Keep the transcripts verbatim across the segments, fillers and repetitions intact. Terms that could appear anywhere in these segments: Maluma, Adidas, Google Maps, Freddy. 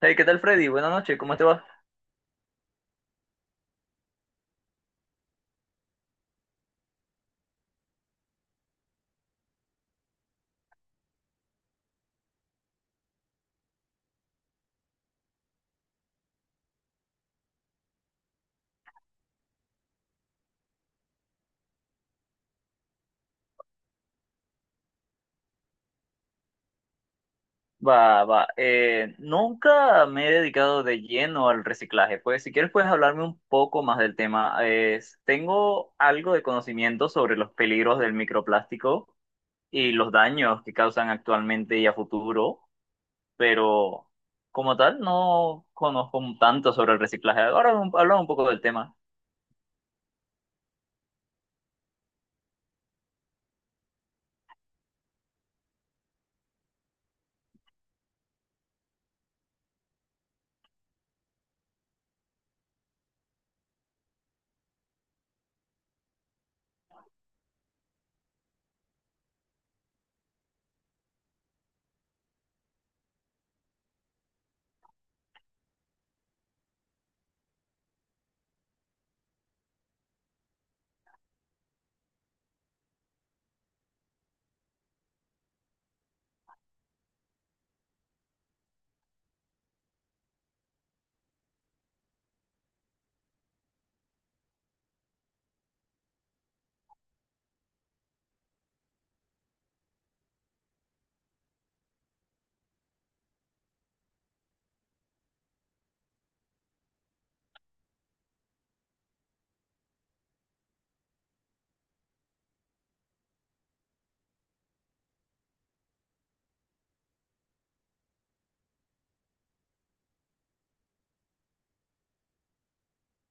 Hey, ¿qué tal, Freddy? Buenas noches, ¿cómo te va? Va, va. Eh, nunca me he dedicado de lleno al reciclaje. Pues, si quieres, puedes hablarme un poco más del tema. Eh, tengo algo de conocimiento sobre los peligros del microplástico y los daños que causan actualmente y a futuro, pero como tal, no conozco tanto sobre el reciclaje. Ahora, háblame un poco del tema.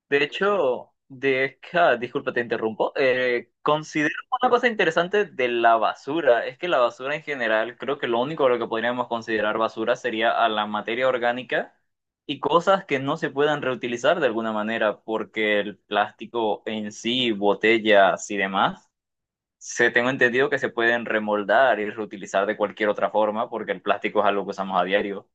De hecho, de, ah, disculpa, te interrumpo. Eh, considero una cosa interesante de la basura. Es que la basura en general, creo que lo único a lo que podríamos considerar basura sería a la materia orgánica y cosas que no se puedan reutilizar de alguna manera, porque el plástico en sí, botellas y demás, se tengo entendido que se pueden remoldar y reutilizar de cualquier otra forma, porque el plástico es algo que usamos a diario.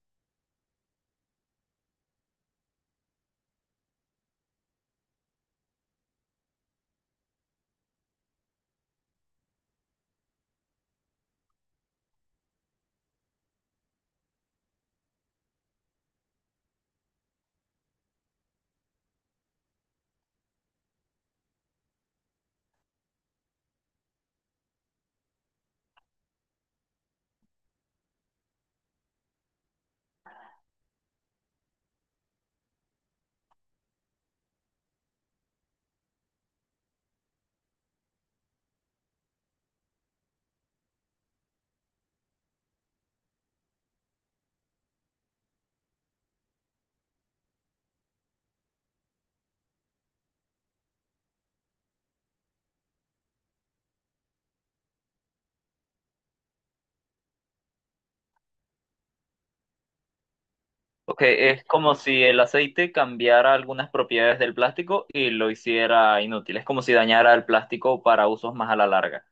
Ok, es como si el aceite cambiara algunas propiedades del plástico y lo hiciera inútil. Es como si dañara el plástico para usos más a la larga.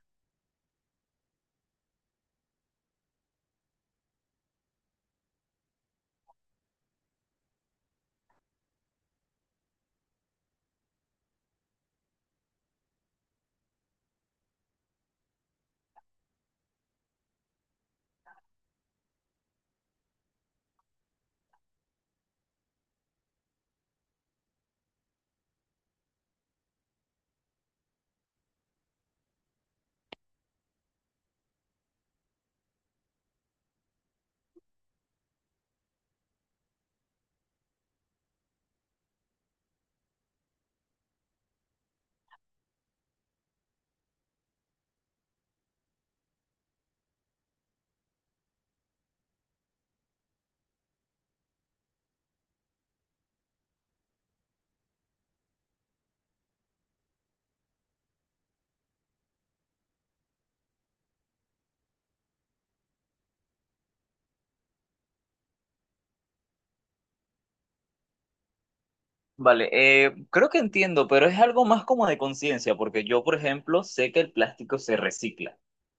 Vale, eh, creo que entiendo, pero es algo más como de conciencia, porque yo, por ejemplo, sé que el plástico se recicla,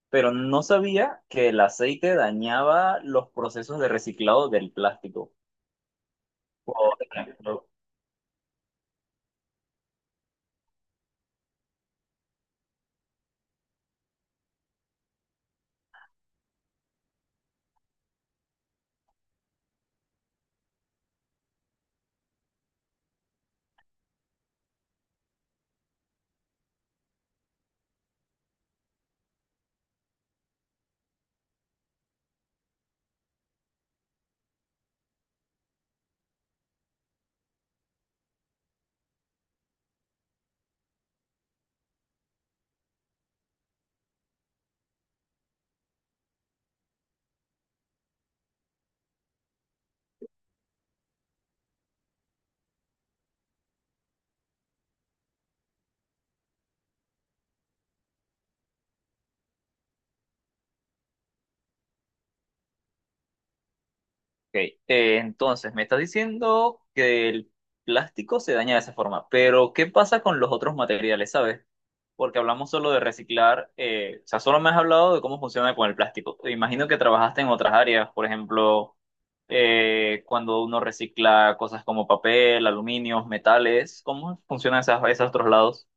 pero no sabía que el aceite dañaba los procesos de reciclado del plástico. Por ejemplo, ok, eh, entonces me estás diciendo que el plástico se daña de esa forma, pero ¿qué pasa con los otros materiales, sabes? Porque hablamos solo de reciclar, eh, o sea, solo me has hablado de cómo funciona con el plástico. Imagino que trabajaste en otras áreas, por ejemplo, eh, cuando uno recicla cosas como papel, aluminio, metales, ¿cómo funcionan esas, esos otros lados?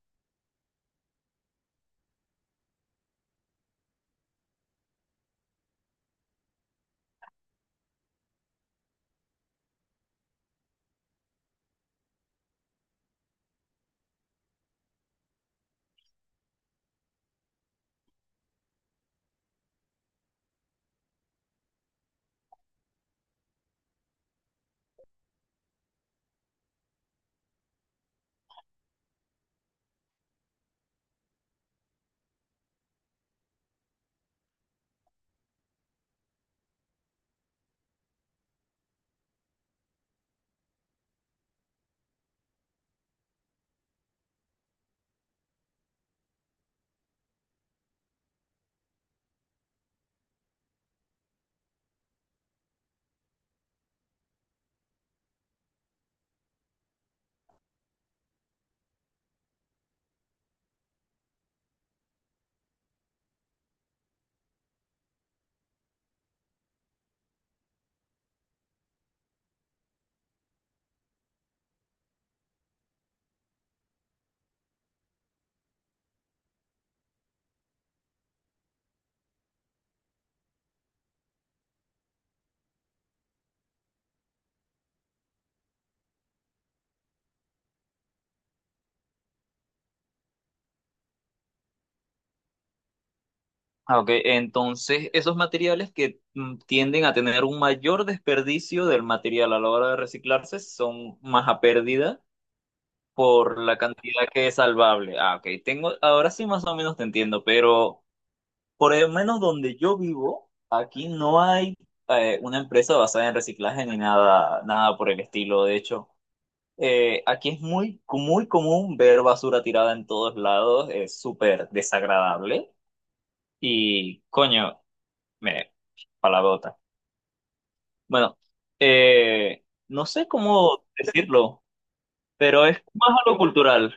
Ah, ok, entonces esos materiales que mm, tienden a tener un mayor desperdicio del material a la hora de reciclarse son más a pérdida por la cantidad que es salvable. Ah, ok, tengo, ahora sí más o menos te entiendo, pero por lo menos donde yo vivo, aquí no hay eh, una empresa basada en reciclaje ni nada, nada por el estilo. De hecho, eh, aquí es muy, muy común ver basura tirada en todos lados, es súper desagradable y coño, me, palabrota. Bueno, eh, no sé cómo decirlo, pero es más a lo cultural.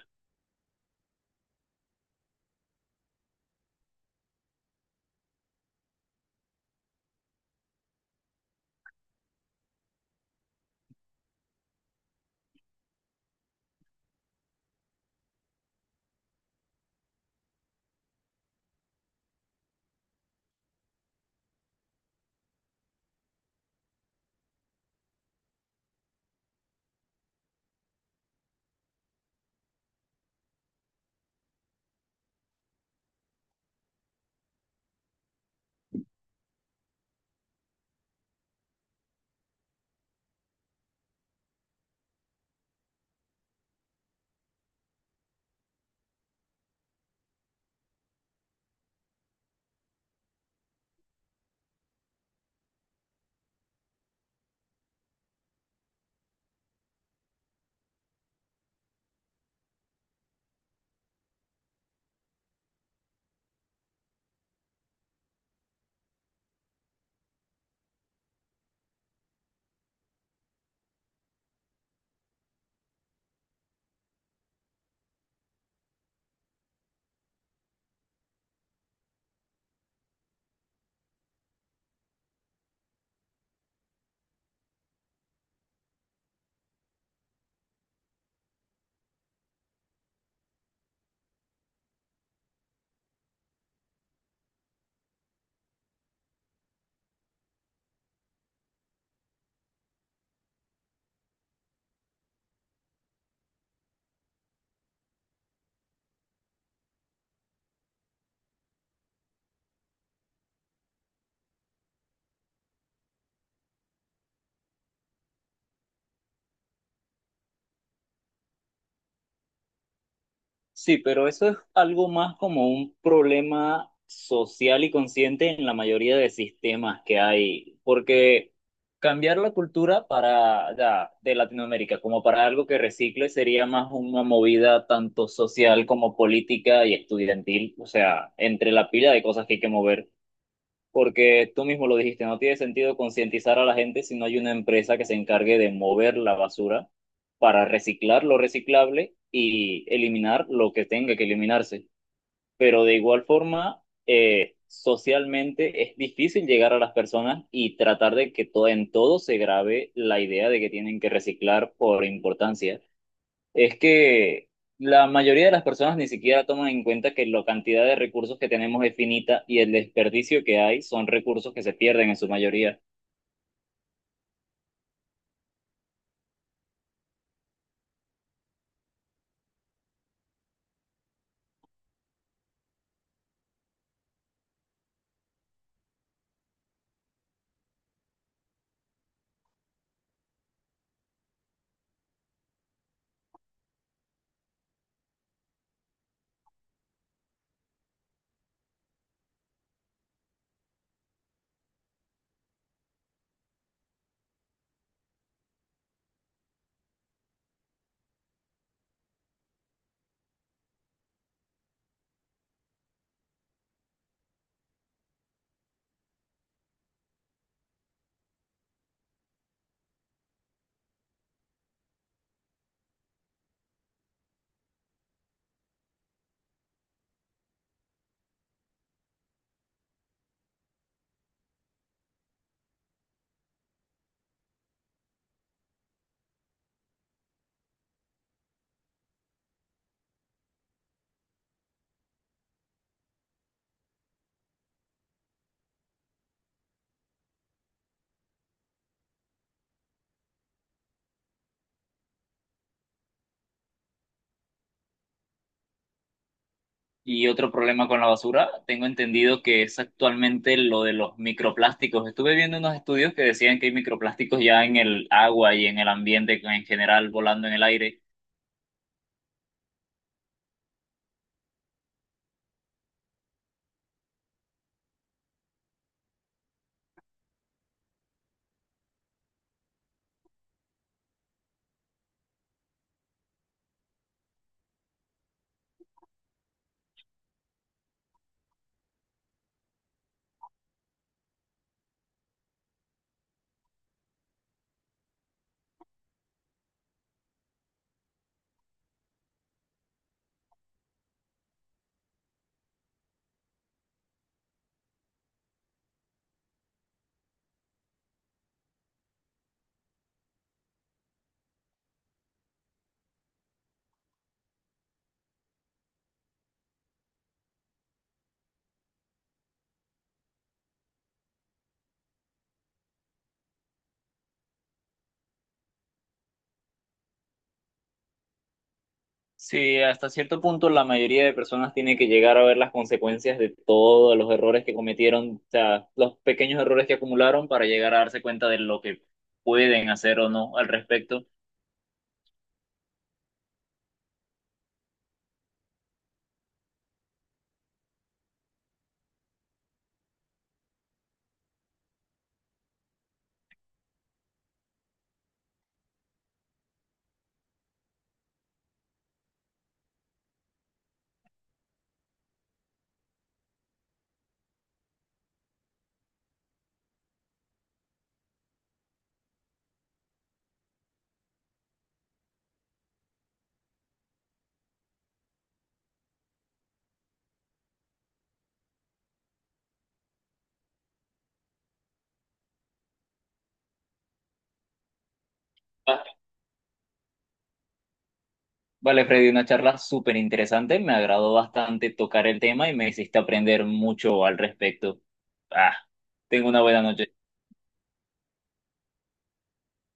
Sí, pero eso es algo más como un problema social y consciente en la mayoría de sistemas que hay, porque cambiar la cultura para ya, de Latinoamérica como para algo que recicle sería más una movida tanto social como política y estudiantil, o sea, entre la pila de cosas que hay que mover. Porque tú mismo lo dijiste, no tiene sentido concientizar a la gente si no hay una empresa que se encargue de mover la basura para reciclar lo reciclable y eliminar lo que tenga que eliminarse. Pero de igual forma, eh, socialmente es difícil llegar a las personas y tratar de que to- en todo se grabe la idea de que tienen que reciclar por importancia, es que la mayoría de las personas ni siquiera toman en cuenta que la cantidad de recursos que tenemos es finita y el desperdicio que hay son recursos que se pierden en su mayoría. Y otro problema con la basura, tengo entendido que es actualmente lo de los microplásticos. Estuve viendo unos estudios que decían que hay microplásticos ya en el agua y en el ambiente en general volando en el aire. Sí, hasta cierto punto la mayoría de personas tiene que llegar a ver las consecuencias de todos los errores que cometieron, o sea, los pequeños errores que acumularon para llegar a darse cuenta de lo que pueden hacer o no al respecto. Ah, vale, Freddy, una charla súper interesante. Me agradó bastante tocar el tema y me hiciste aprender mucho al respecto. Ah, tengo una buena noche.